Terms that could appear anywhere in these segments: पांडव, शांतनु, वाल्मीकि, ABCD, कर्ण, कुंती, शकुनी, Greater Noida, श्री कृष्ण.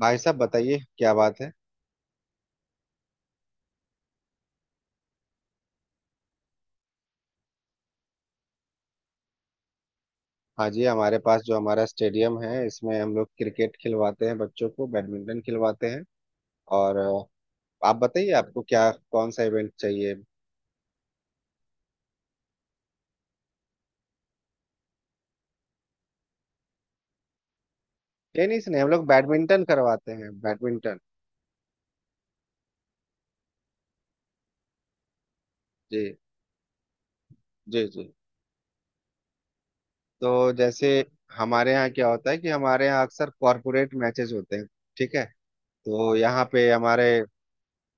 भाई साहब बताइए, क्या बात है? हाँ जी, हमारे पास जो हमारा स्टेडियम है, इसमें हम लोग क्रिकेट खिलवाते हैं, बच्चों को बैडमिंटन खिलवाते हैं। और अ, आप बताइए, आपको क्या, कौन सा इवेंट चाहिए? टेनिस नहीं, हम लोग बैडमिंटन करवाते हैं, बैडमिंटन। जी जी। जी, तो जैसे हमारे यहाँ क्या होता है कि हमारे यहाँ अक्सर कॉरपोरेट मैचेस होते हैं। ठीक है। तो यहाँ पे हमारे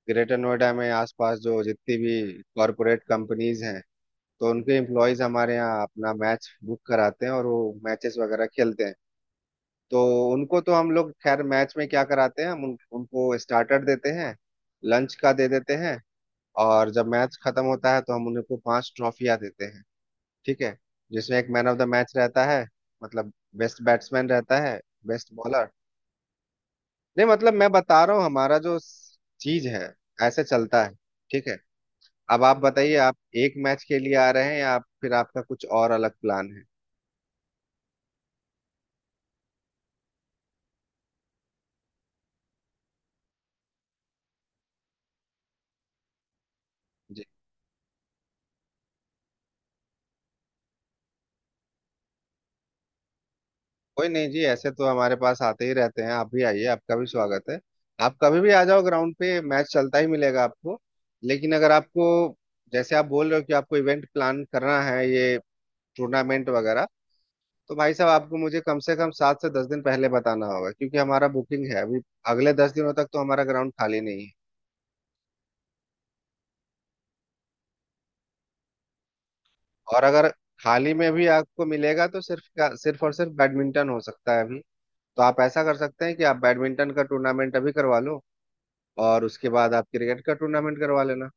ग्रेटर नोएडा में आसपास जो जितनी भी कॉरपोरेट कंपनीज हैं, तो उनके एम्प्लॉयज हमारे यहाँ अपना मैच बुक कराते हैं और वो मैचेस वगैरह खेलते हैं। तो उनको तो हम लोग खैर मैच में क्या कराते हैं, हम उनको स्टार्टर देते हैं, लंच का दे देते हैं। और जब मैच खत्म होता है तो हम उनको 5 ट्रॉफियां देते हैं। ठीक है। जिसमें एक मैन ऑफ द मैच रहता है, मतलब बेस्ट बैट्समैन रहता है, बेस्ट बॉलर। नहीं मतलब, मैं बता रहा हूँ, हमारा जो चीज है, ऐसे चलता है। ठीक है। अब आप बताइए, आप एक मैच के लिए आ रहे हैं या फिर आपका कुछ और अलग प्लान है? कोई नहीं जी, ऐसे तो हमारे पास आते ही रहते हैं, आप भी आइए, आपका भी स्वागत है। आप कभी भी आ जाओ, ग्राउंड पे मैच चलता ही मिलेगा आपको। लेकिन अगर आपको, जैसे आप बोल रहे हो कि आपको इवेंट प्लान करना है, ये टूर्नामेंट वगैरह, तो भाई साहब आपको मुझे कम से कम 7 से 10 दिन पहले बताना होगा, क्योंकि हमारा बुकिंग है अभी। अगले 10 दिनों तक तो हमारा ग्राउंड खाली नहीं है। और अगर खाली में भी आपको मिलेगा तो सिर्फ और सिर्फ बैडमिंटन हो सकता है अभी। तो आप ऐसा कर सकते हैं कि आप बैडमिंटन का टूर्नामेंट अभी करवा लो, और उसके बाद आप क्रिकेट का टूर्नामेंट करवा लेना।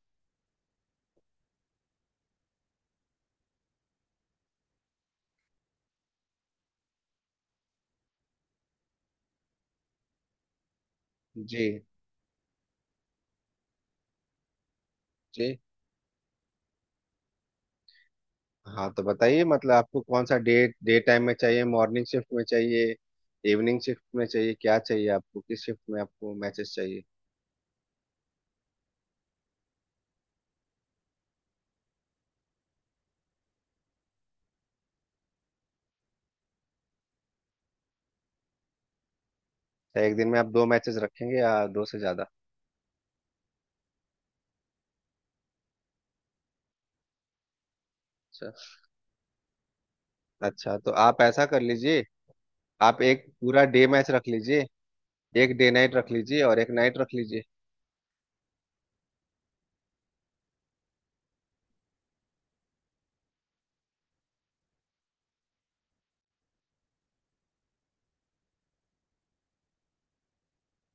जी जी। हाँ तो बताइए, मतलब आपको कौन सा डे, डे टाइम में चाहिए, मॉर्निंग शिफ्ट में चाहिए, इवनिंग शिफ्ट में चाहिए, क्या चाहिए आपको, किस शिफ्ट में आपको मैचेस चाहिए? क्या एक दिन में आप 2 मैचेस रखेंगे या दो से ज्यादा? अच्छा, अच्छा तो आप ऐसा कर लीजिए, आप एक पूरा डे मैच रख लीजिए, एक डे नाइट रख लीजिए और एक नाइट रख लीजिए।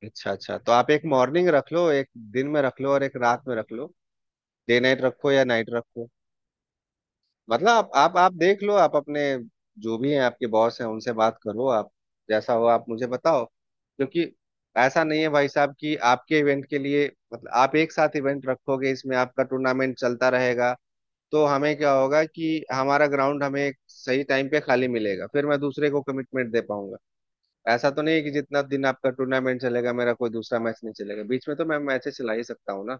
अच्छा, अच्छा तो आप एक मॉर्निंग रख लो, एक दिन में रख लो और एक रात में रख लो, डे नाइट रखो या नाइट रखो। मतलब आप देख लो, आप अपने जो भी हैं आपके बॉस हैं, उनसे बात करो आप। जैसा हो आप मुझे बताओ, क्योंकि ऐसा नहीं है भाई साहब कि आपके इवेंट के लिए, मतलब आप एक साथ इवेंट रखोगे, इसमें आपका टूर्नामेंट चलता रहेगा तो हमें क्या होगा कि हमारा ग्राउंड हमें सही टाइम पे खाली मिलेगा, फिर मैं दूसरे को कमिटमेंट दे पाऊंगा। ऐसा तो नहीं है कि जितना दिन आपका टूर्नामेंट चलेगा मेरा कोई दूसरा मैच नहीं चलेगा, बीच में तो मैं मैचेस चला ही सकता हूँ ना?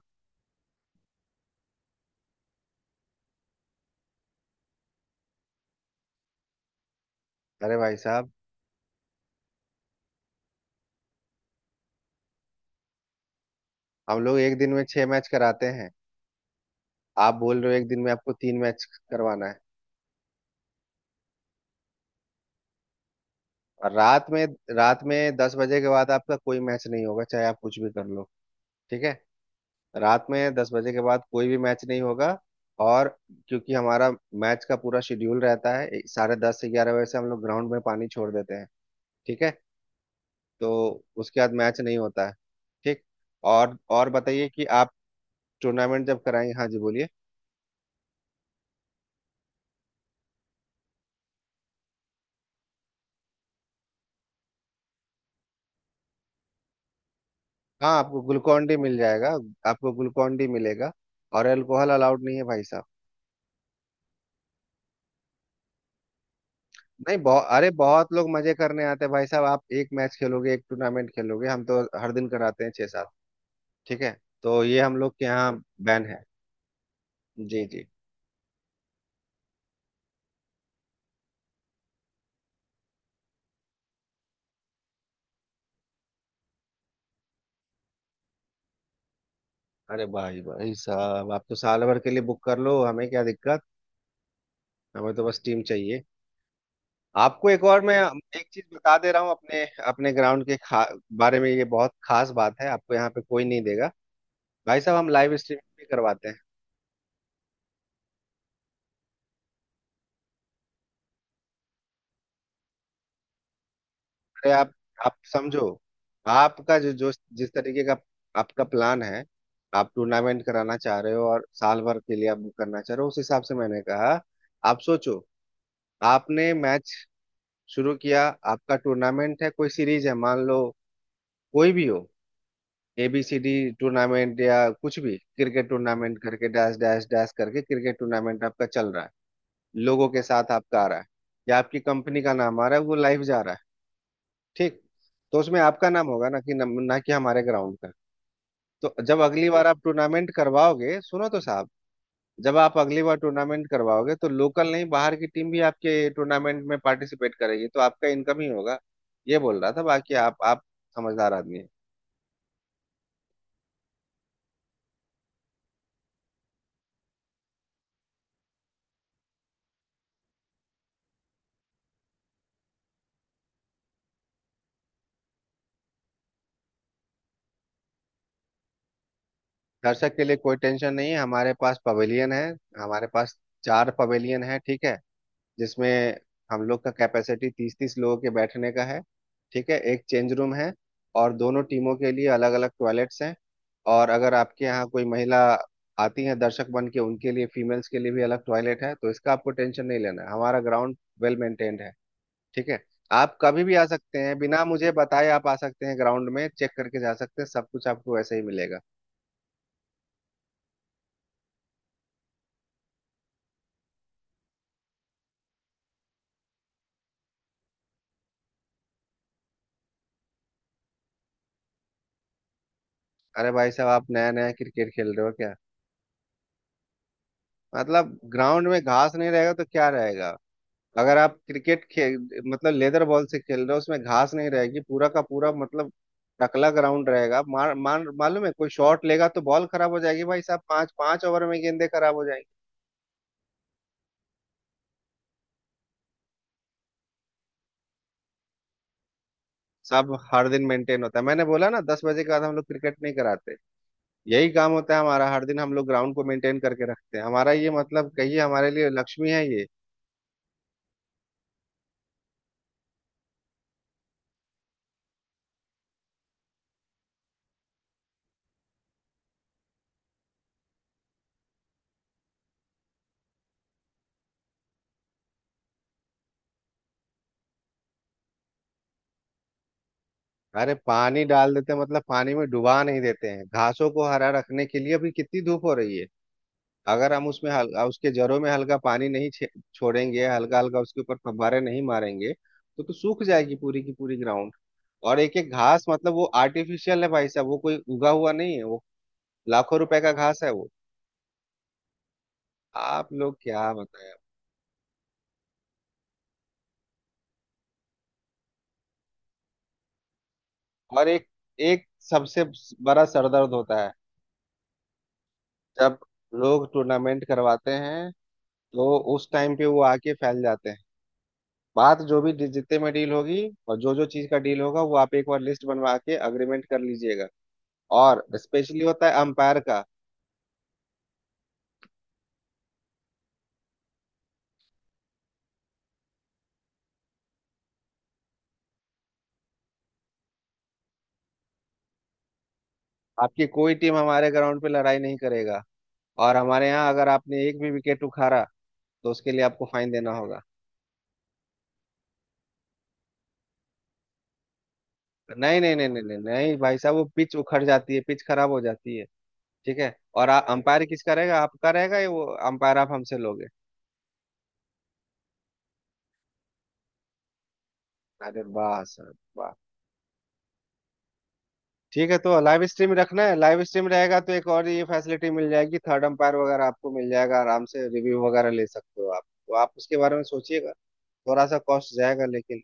अरे भाई साहब, हम लोग एक दिन में 6 मैच कराते हैं, आप बोल रहे हो एक दिन में आपको 3 मैच करवाना है। और रात में, रात में 10 बजे के बाद आपका कोई मैच नहीं होगा, चाहे आप कुछ भी कर लो। ठीक है, रात में 10 बजे के बाद कोई भी मैच नहीं होगा। और क्योंकि हमारा मैच का पूरा शेड्यूल रहता है, 10:30 से 11 बजे से हम लोग ग्राउंड में पानी छोड़ देते हैं। ठीक है। तो उसके बाद मैच नहीं होता है। ठीक। और बताइए कि आप टूर्नामेंट जब कराएंगे, हाँ जी बोलिए। हाँ, आपको ग्लूकॉन डी मिल जाएगा, आपको ग्लूकॉन डी मिलेगा, और अल्कोहल अलाउड नहीं है भाई साहब। नहीं, बहुत, अरे बहुत लोग मजे करने आते हैं भाई साहब। आप एक मैच खेलोगे, एक टूर्नामेंट खेलोगे, हम तो हर दिन कराते हैं छह सात। ठीक है। तो ये हम लोग के यहाँ बैन है। जी जी। अरे भाई भाई साहब, आप तो साल भर के लिए बुक कर लो, हमें क्या दिक्कत? हमें तो बस टीम चाहिए। आपको एक, और मैं एक चीज बता दे रहा हूँ अपने अपने ग्राउंड के बारे में, ये बहुत खास बात है, आपको यहाँ पे कोई नहीं देगा। भाई साहब, हम लाइव स्ट्रीमिंग भी करवाते हैं। अरे आप समझो, आपका जो जो, जिस तरीके का आपका प्लान है, आप टूर्नामेंट कराना चाह रहे हो और साल भर के लिए आप बुक करना चाह रहे हो, उस हिसाब से मैंने कहा। आप सोचो, आपने मैच शुरू किया, आपका टूर्नामेंट है, कोई सीरीज है मान लो, कोई भी हो, एबीसीडी टूर्नामेंट या कुछ भी, क्रिकेट टूर्नामेंट करके डैश डैश डैश करके क्रिकेट टूर्नामेंट आपका चल रहा है, लोगों के साथ आपका आ रहा है या आपकी कंपनी का नाम आ रहा है, वो लाइव जा रहा है। ठीक। तो उसमें आपका नाम होगा ना, ना कि हमारे ग्राउंड का। तो जब अगली बार आप टूर्नामेंट करवाओगे, सुनो तो साहब, जब आप अगली बार टूर्नामेंट करवाओगे तो लोकल नहीं, बाहर की टीम भी आपके टूर्नामेंट में पार्टिसिपेट करेगी, तो आपका इनकम ही होगा, ये बोल रहा था। बाकी आप समझदार आदमी है। दर्शक के लिए कोई टेंशन नहीं है, हमारे पास पवेलियन है, हमारे पास 4 पवेलियन है। ठीक है। जिसमें हम लोग का कैपेसिटी तीस तीस लोगों के बैठने का है। ठीक है। एक चेंज रूम है, और दोनों टीमों के लिए अलग अलग टॉयलेट्स हैं। और अगर आपके यहाँ कोई महिला आती हैं दर्शक बन के, उनके लिए, फीमेल्स के लिए भी अलग टॉयलेट है, तो इसका आपको टेंशन नहीं लेना है, हमारा ग्राउंड वेल मेंटेन्ड है। ठीक है। आप कभी भी आ सकते हैं, बिना मुझे बताए आप आ सकते हैं, ग्राउंड में चेक करके जा सकते हैं, सब कुछ आपको ऐसे ही मिलेगा। अरे भाई साहब, आप नया नया क्रिकेट खेल रहे हो क्या? मतलब ग्राउंड में घास नहीं रहेगा तो क्या रहेगा? अगर आप क्रिकेट खेल, मतलब लेदर बॉल से खेल रहे हो, उसमें घास नहीं रहेगी, पूरा का पूरा मतलब टकला ग्राउंड रहेगा, मान मालूम है, कोई शॉट लेगा तो बॉल खराब हो जाएगी भाई साहब, पांच पांच ओवर में गेंदे खराब हो जाएंगी। सब हर दिन मेंटेन होता है, मैंने बोला ना 10 बजे के बाद हम लोग क्रिकेट नहीं कराते, यही काम होता है हमारा हर दिन, हम लोग ग्राउंड को मेंटेन करके रखते हैं, हमारा ये मतलब कहिए हमारे लिए लक्ष्मी है ये। अरे पानी डाल देते हैं मतलब पानी में डुबा नहीं देते हैं, घासों को हरा रखने के लिए, अभी कितनी धूप हो रही है, अगर हम उसके जड़ों में हल्का पानी नहीं छोड़ेंगे, हल्का हल्का उसके ऊपर फव्वारे नहीं मारेंगे तो सूख जाएगी पूरी की पूरी ग्राउंड। और एक एक घास मतलब, वो आर्टिफिशियल है भाई साहब, वो कोई उगा हुआ नहीं है वो, लाखों रुपए का घास है वो, आप लोग क्या बताएं। और एक एक सबसे बड़ा सरदर्द होता है, जब लोग टूर्नामेंट करवाते हैं, तो उस टाइम पे वो आके फैल जाते हैं। बात जो भी जितने में डील होगी, और जो जो चीज का डील होगा वो आप एक बार लिस्ट बनवा के अग्रीमेंट कर लीजिएगा। और स्पेशली होता है अंपायर का। आपकी कोई टीम हमारे ग्राउंड पे लड़ाई नहीं करेगा। और हमारे यहाँ अगर आपने एक भी विकेट उखाड़ा, तो उसके लिए आपको फाइन देना होगा। नहीं नहीं नहीं नहीं नहीं नहीं भाई साहब, वो पिच उखड़ जाती है, पिच खराब हो जाती है। ठीक है। और अंपायर किसका रहेगा, आपका रहेगा या वो अंपायर आप हमसे लोगे? अरे वाह सर, वाह। ठीक है, तो लाइव स्ट्रीम रखना है, लाइव स्ट्रीम रहेगा तो एक और ये फैसिलिटी मिल जाएगी, थर्ड अंपायर वगैरह आपको मिल जाएगा, आराम से रिव्यू वगैरह ले सकते हो आप, तो आप उसके बारे में सोचिएगा। थोड़ा सा कॉस्ट जाएगा लेकिन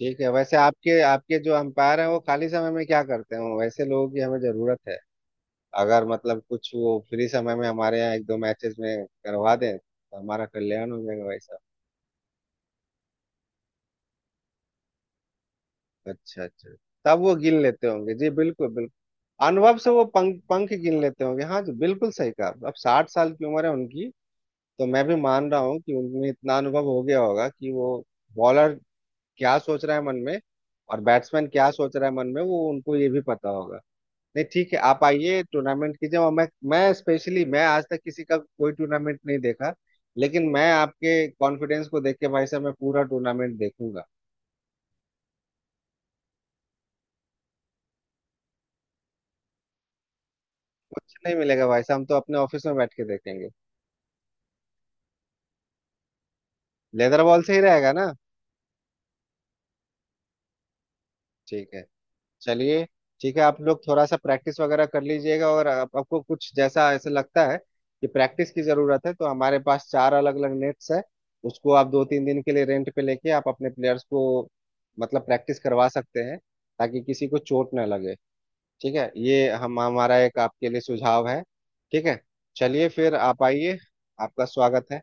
ठीक है। वैसे आपके आपके जो अंपायर हैं वो खाली समय में क्या करते हैं, वैसे लोगों की हमें जरूरत है। अगर मतलब कुछ वो फ्री समय में हमारे यहाँ एक दो मैचेस में करवा दें तो हमारा कल्याण हो जाएगा भाई साहब। अच्छा अच्छा, तब वो गिन लेते होंगे जी, बिल्कुल बिल्कुल, अनुभव से वो पंख पंख गिन लेते होंगे, हाँ जी बिल्कुल सही कहा, अब 60 साल की उम्र है उनकी, तो मैं भी मान रहा हूँ कि उनमें इतना अनुभव हो गया होगा कि वो बॉलर क्या सोच रहा है मन में और बैट्समैन क्या सोच रहा है मन में, वो उनको ये भी पता होगा। नहीं ठीक है, आप आइए, टूर्नामेंट कीजिए, और मैं स्पेशली, मैं आज तक किसी का कोई टूर्नामेंट नहीं देखा, लेकिन मैं आपके कॉन्फिडेंस को देख के भाई साहब मैं पूरा टूर्नामेंट देखूंगा। कुछ नहीं मिलेगा भाई साहब, हम तो अपने ऑफिस में बैठ के देखेंगे। लेदर बॉल से ही रहेगा ना? ठीक है। चलिए, ठीक है, आप लोग थोड़ा सा प्रैक्टिस वगैरह कर लीजिएगा, और आपको कुछ जैसा ऐसा लगता है कि प्रैक्टिस की जरूरत है, तो हमारे पास 4 अलग अलग नेट्स है, उसको आप दो तीन दिन के लिए रेंट पे लेके आप अपने प्लेयर्स को मतलब प्रैक्टिस करवा सकते हैं, ताकि किसी को चोट ना लगे। ठीक है, ये हम, हमारा एक आपके लिए सुझाव है। ठीक है, चलिए फिर, आप आइए, आपका स्वागत है।